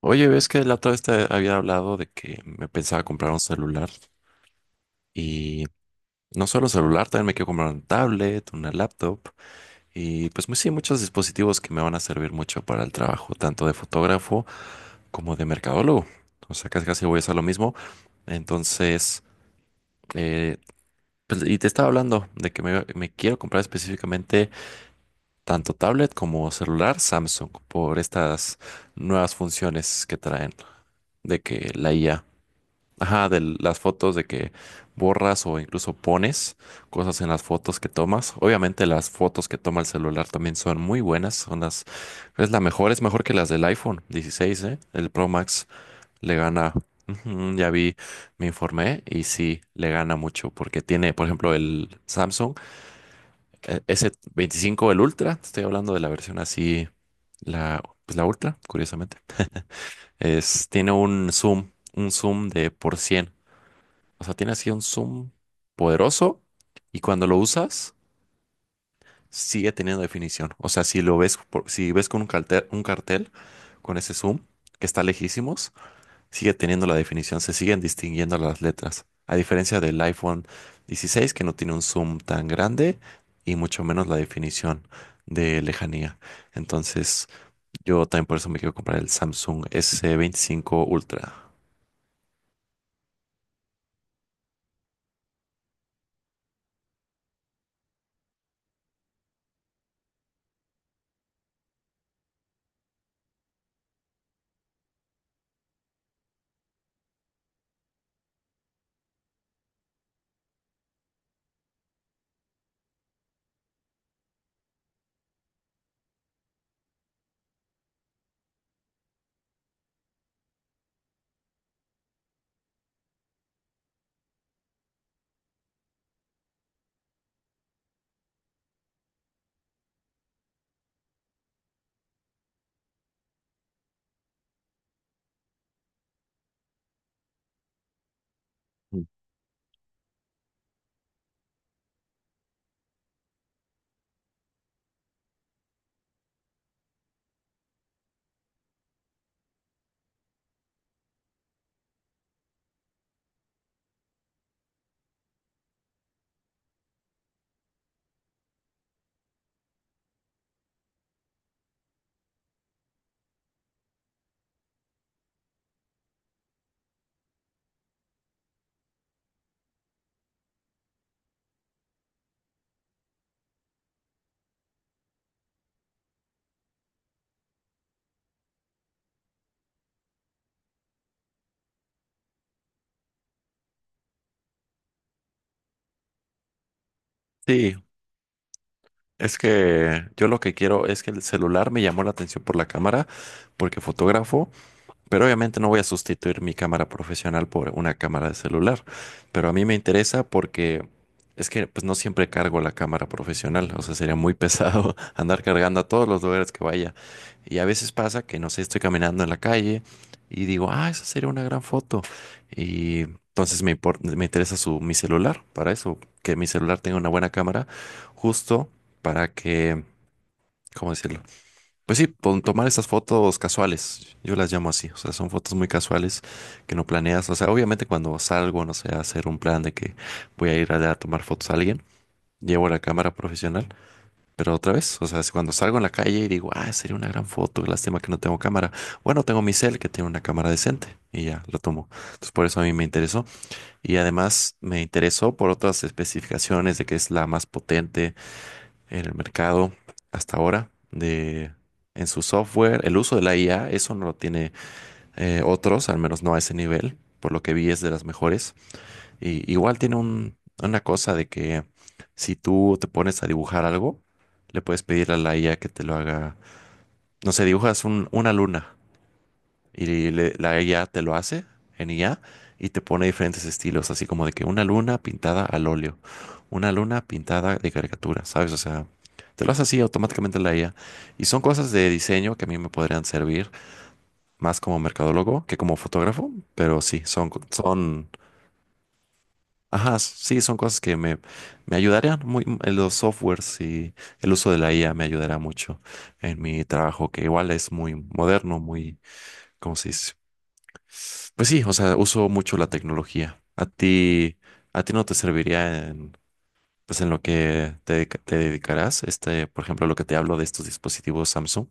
Oye, ves que la otra vez te había hablado de que me pensaba comprar un celular y no solo celular, también me quiero comprar un tablet, una laptop y pues sí, muchos dispositivos que me van a servir mucho para el trabajo, tanto de fotógrafo como de mercadólogo. O sea, casi casi voy a hacer lo mismo. Entonces, eh, pues, y te estaba hablando de que me quiero comprar específicamente tanto tablet como celular Samsung por estas nuevas funciones que traen de que la IA. Ajá, de las fotos de que borras o incluso pones cosas en las fotos que tomas. Obviamente las fotos que toma el celular también son muy buenas, es la mejor, es mejor que las del iPhone 16, ¿eh? El Pro Max le gana. Ujú, ya vi, me informé y sí, le gana mucho porque tiene, por ejemplo, el Samsung S25, el Ultra, te estoy hablando de la versión así, pues la Ultra, curiosamente, tiene un zoom de por 100. O sea, tiene así un zoom poderoso y cuando lo usas sigue teniendo definición. O sea, si lo ves, si ves con un cartel con ese zoom que está lejísimos, sigue teniendo la definición, se siguen distinguiendo las letras. A diferencia del iPhone 16 que no tiene un zoom tan grande y mucho menos la definición de lejanía. Entonces, yo también por eso me quiero comprar el Samsung S25 Ultra. Mm. Sí, es que yo lo que quiero es que el celular me llamó la atención por la cámara, porque fotógrafo. Pero obviamente no voy a sustituir mi cámara profesional por una cámara de celular. Pero a mí me interesa porque es que pues no siempre cargo la cámara profesional. O sea, sería muy pesado andar cargando a todos los lugares que vaya. Y a veces pasa que, no sé, estoy caminando en la calle y digo, ah, esa sería una gran foto. Y entonces me interesa mi celular para eso, que mi celular tenga una buena cámara, justo para que, ¿cómo decirlo? Pues sí, tomar estas fotos casuales, yo las llamo así, o sea, son fotos muy casuales que no planeas, o sea, obviamente cuando salgo, no sé, a hacer un plan de que voy a ir allá a tomar fotos a alguien, llevo la cámara profesional, pero otra vez, o sea, es cuando salgo en la calle y digo, ah, sería una gran foto, lástima que no tengo cámara, bueno, tengo mi cel que tiene una cámara decente y ya lo tomo, entonces por eso a mí me interesó y además me interesó por otras especificaciones de que es la más potente, en el mercado hasta ahora de en su software, el uso de la IA. Eso no lo tiene otros, al menos no a ese nivel, por lo que vi es de las mejores. Y igual una cosa de que si tú te pones a dibujar algo, le puedes pedir a la IA que te lo haga, no sé, una luna. Y la IA te lo hace en IA y te pone diferentes estilos, así como de que una luna pintada al óleo, una luna pintada de caricatura, ¿sabes? O sea, te lo hace así automáticamente la IA. Y son cosas de diseño que a mí me podrían servir más como mercadólogo que como fotógrafo, pero sí, ajá, sí, son cosas que me ayudarían muy en los softwares y el uso de la IA me ayudará mucho en mi trabajo, que igual es muy moderno, muy, ¿cómo se dice? Pues sí, o sea, uso mucho la tecnología. A ti no te serviría en, pues en lo que te dedicarás, este, por ejemplo, lo que te hablo de estos dispositivos Samsung.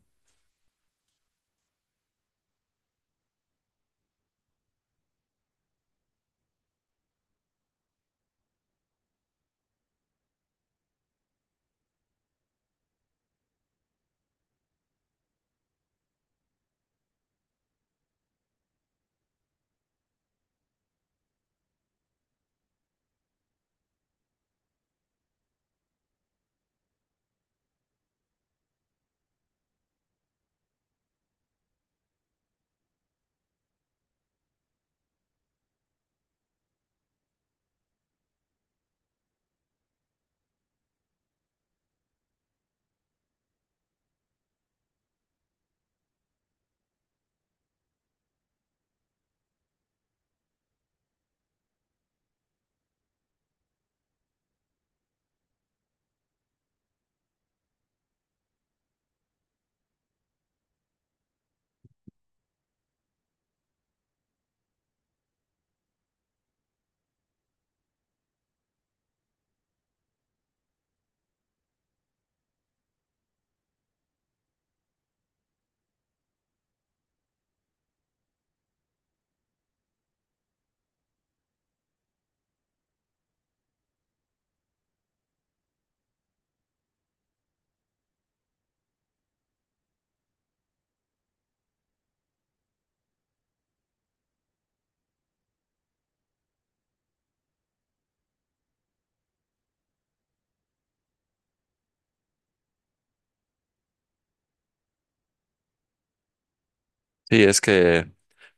Sí, es que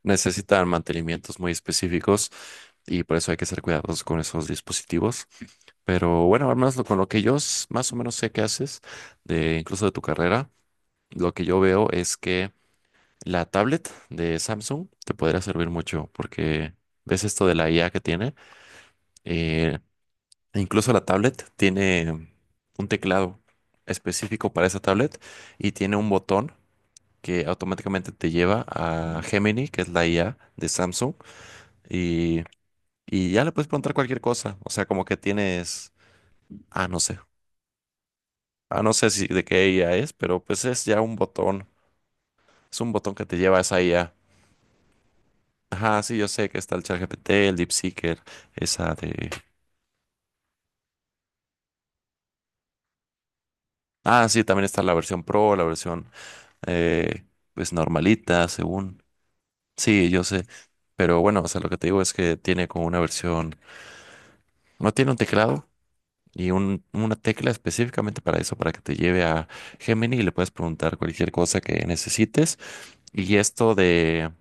necesitan mantenimientos muy específicos y por eso hay que ser cuidadosos con esos dispositivos. Pero bueno, al menos con lo que yo más o menos sé que haces, de, incluso de tu carrera, lo que yo veo es que la tablet de Samsung te podría servir mucho porque ves esto de la IA que tiene. eh, E incluso la tablet tiene un teclado específico para esa tablet y tiene un botón que automáticamente te lleva a Gemini, que es la IA de Samsung, y, y ya le puedes preguntar cualquier cosa. O sea, como que tienes, ah, no sé, ah, no sé si de qué IA es, pero pues es ya un botón, es un botón que te lleva a esa IA. Ajá, sí, yo sé que está el ChatGPT, el DeepSeeker, esa de... Ah, sí, también está la versión Pro, la versión eh, pues normalita, según. Sí, yo sé. Pero bueno, o sea, lo que te digo es que tiene como una versión, no tiene un teclado y una tecla específicamente para eso, para que te lleve a Gemini y le puedes preguntar cualquier cosa que necesites. Y esto de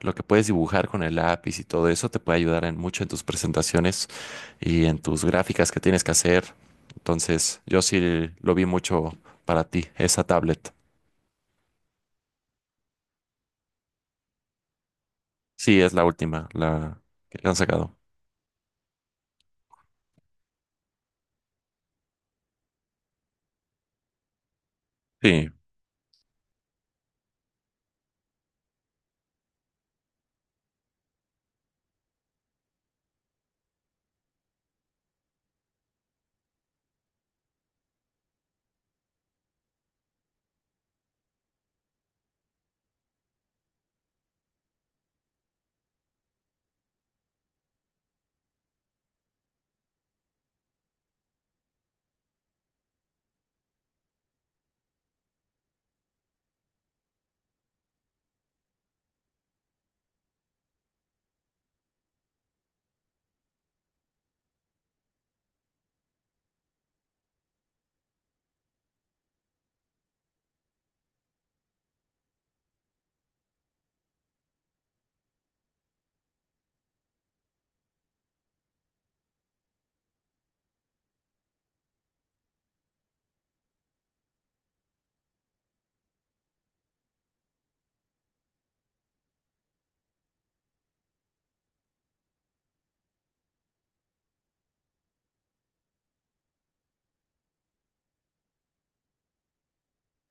lo que puedes dibujar con el lápiz y todo eso te puede ayudar en mucho en tus presentaciones y en tus gráficas que tienes que hacer. Entonces, yo sí lo vi mucho para ti, esa tablet. Sí, es la última, la que han sacado. Sí,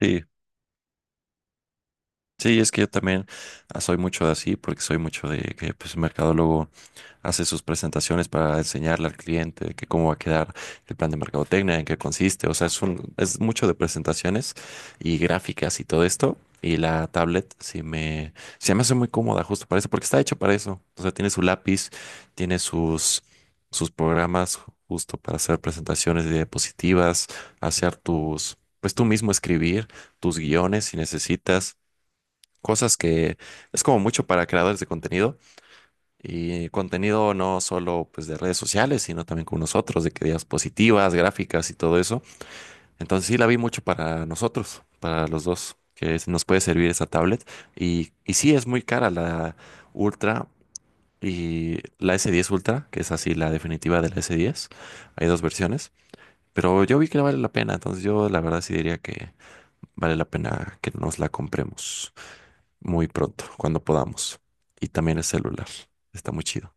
sí. Sí, es que yo también ah, soy mucho de así, porque soy mucho de que pues, el mercadólogo hace sus presentaciones para enseñarle al cliente que cómo va a quedar el plan de mercadotecnia, en qué consiste. O sea, es mucho de presentaciones y gráficas y todo esto. Y la tablet sí me, se me hace muy cómoda justo para eso, porque está hecho para eso. O sea, tiene su lápiz, tiene sus, sus programas justo para hacer presentaciones de diapositivas, hacer tus, pues tú mismo escribir tus guiones si necesitas cosas que es como mucho para creadores de contenido y contenido no solo pues de redes sociales, sino también con nosotros, de que diapositivas, gráficas y todo eso. Entonces sí la vi mucho para nosotros, para los dos, nos puede servir esa tablet. Y sí es muy cara la Ultra y la S10 Ultra, que es así la definitiva de la S10. Hay 2 versiones. Pero yo vi que vale la pena, entonces yo la verdad sí diría que vale la pena que nos la compremos muy pronto, cuando podamos. Y también el celular. Está muy chido.